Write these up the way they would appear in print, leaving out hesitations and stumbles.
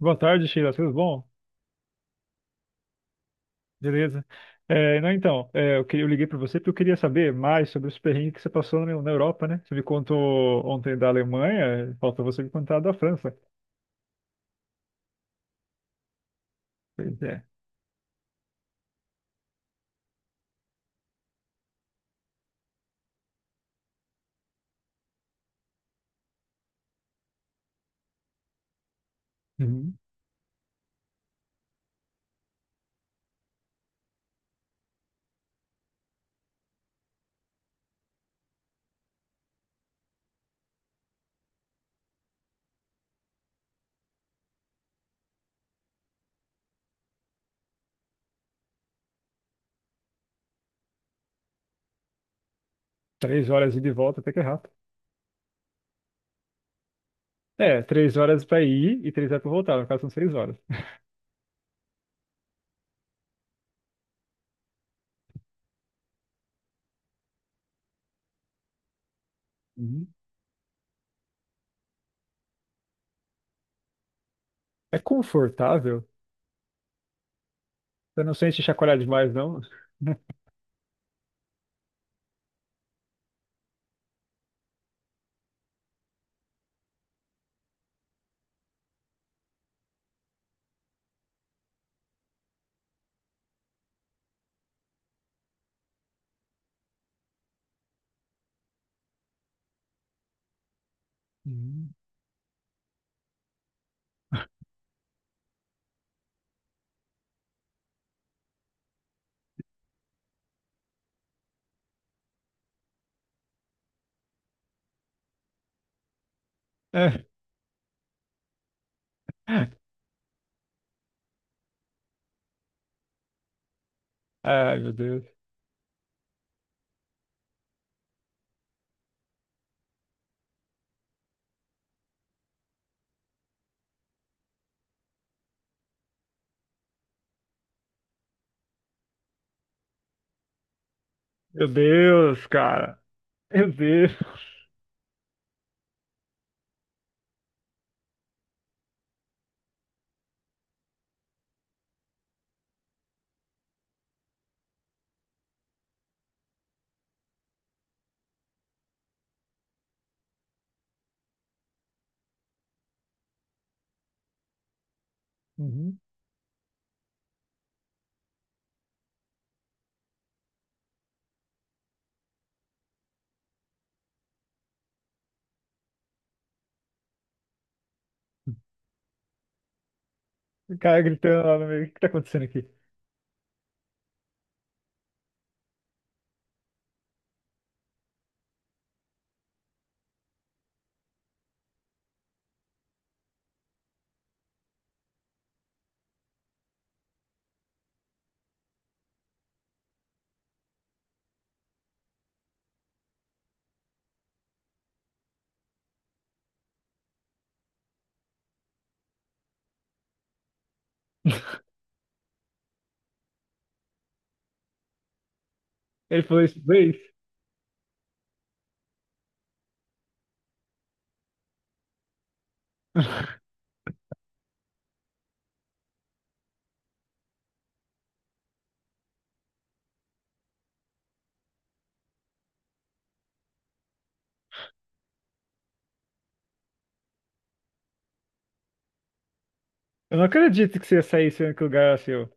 Boa tarde, Sheila. Tudo bom? Beleza. É, não, então, é, eu, queria- eu liguei para você porque eu queria saber mais sobre os perrengues que você passou na Europa, né? Você me contou ontem da Alemanha, falta você me contar da França. Pois é. Uhum. Três horas ida e volta, até que é rápido. É, três horas para ir e três horas para voltar. No caso, são seis horas. Uhum. É confortável? Você não sente chacoalhar demais, não? Uhum. É. Ai, meu Deus. Meu Deus, cara. Meu Deus. Uhum. O cara gritando lá no meio, o que que tá acontecendo aqui? Ele falou isso, Blaze, eu não acredito que você ia sair sendo que o lugar era seu.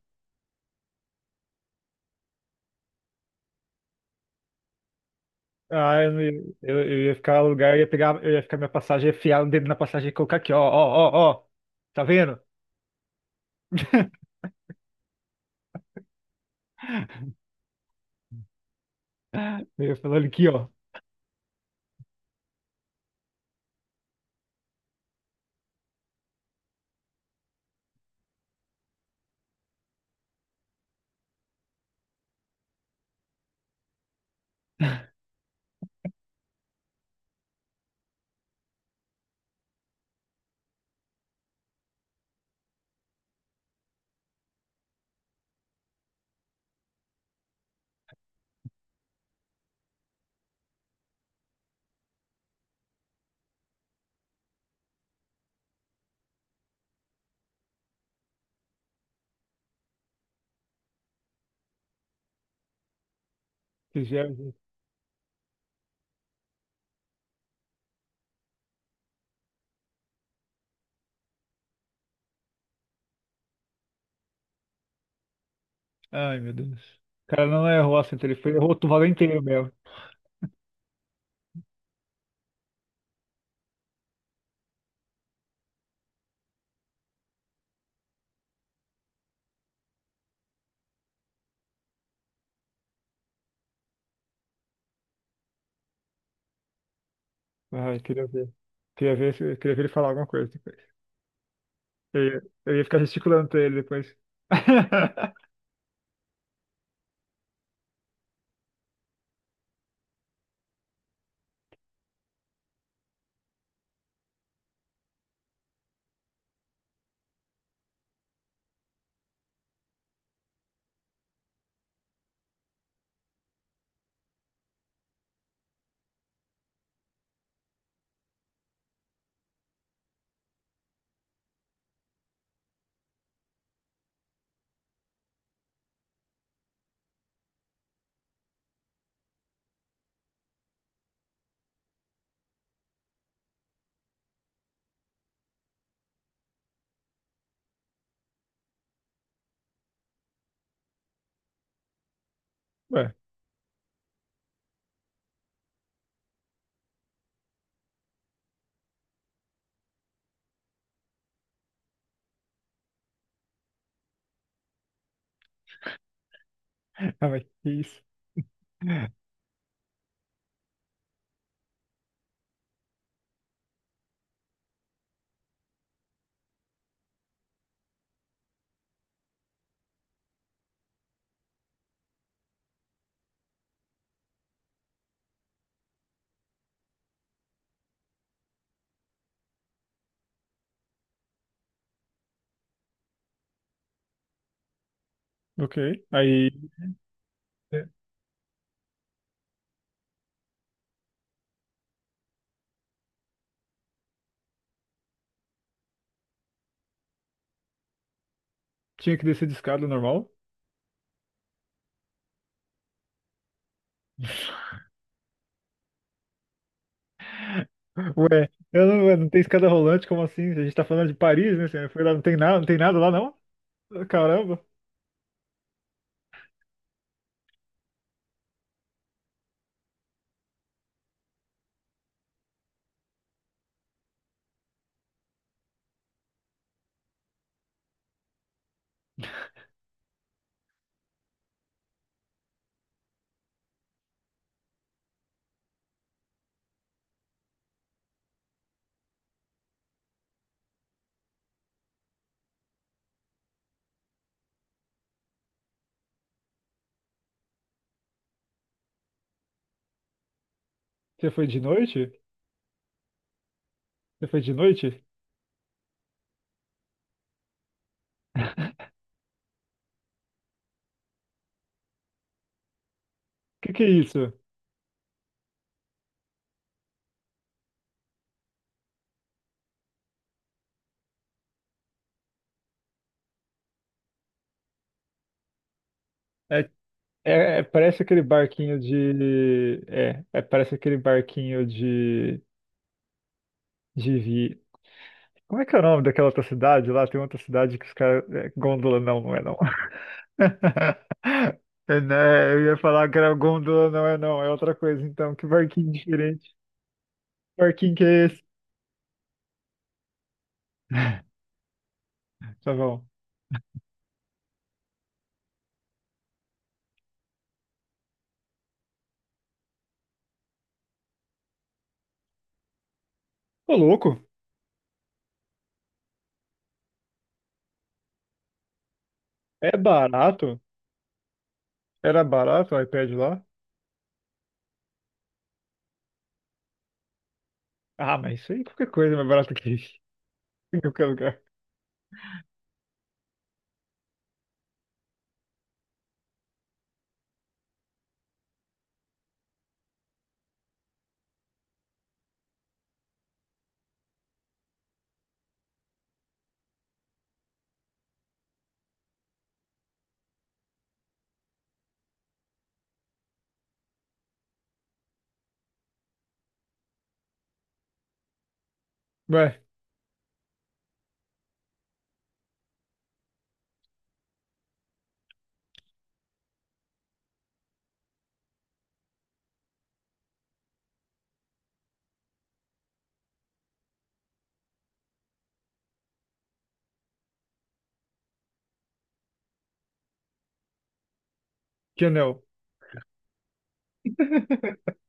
Ah, eu, não ia- eu ia ficar no lugar, eu ia pegar, eu ia ficar minha passagem, ia enfiar o dedo na passagem e colocar aqui, ó, ó, ó, ó. Tá vendo? Eu falando aqui, ó. Vocês vieram junto. Ai, meu Deus. O cara não errou a senta, ele foi, errou o valor inteiro mesmo. Ai, queria ver. Queria ver ele falar alguma coisa depois. Eu ia ficar gesticulando pra ele depois. Ué, ah, mas que isso? Ok. Aí é, Tinha que descer de escada normal. Ué, eu não, não tem escada rolante, como assim? A gente tá falando de Paris, né? Você foi lá, não tem nada, não tem nada lá, não? Caramba. Você foi de noite? Você foi de noite? Que é isso? É, é- é- parece aquele barquinho de. É, é, parece aquele barquinho de. De, vi- Como é que é o nome daquela outra cidade lá? Tem outra cidade que os caras. É, Gôndola não, não é não. É, né? Eu ia falar que era Gôndola, não é não. É outra coisa então. Que barquinho diferente. Que Barquinho que é esse? Tá bom. Ô, louco. É barato? Era barato o iPad lá? Ah, mas isso aí qualquer coisa é mais barato que isso. Em qualquer lugar. Ué, que anel.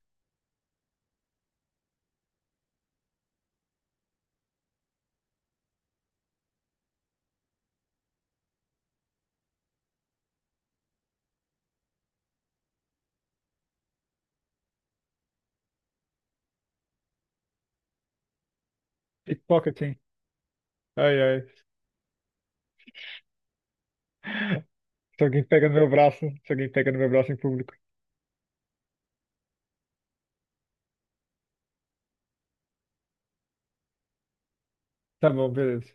Pickpocketing. Ai, ai. Se alguém pega no meu braço, se alguém pega no meu braço em público. Tá bom, beleza.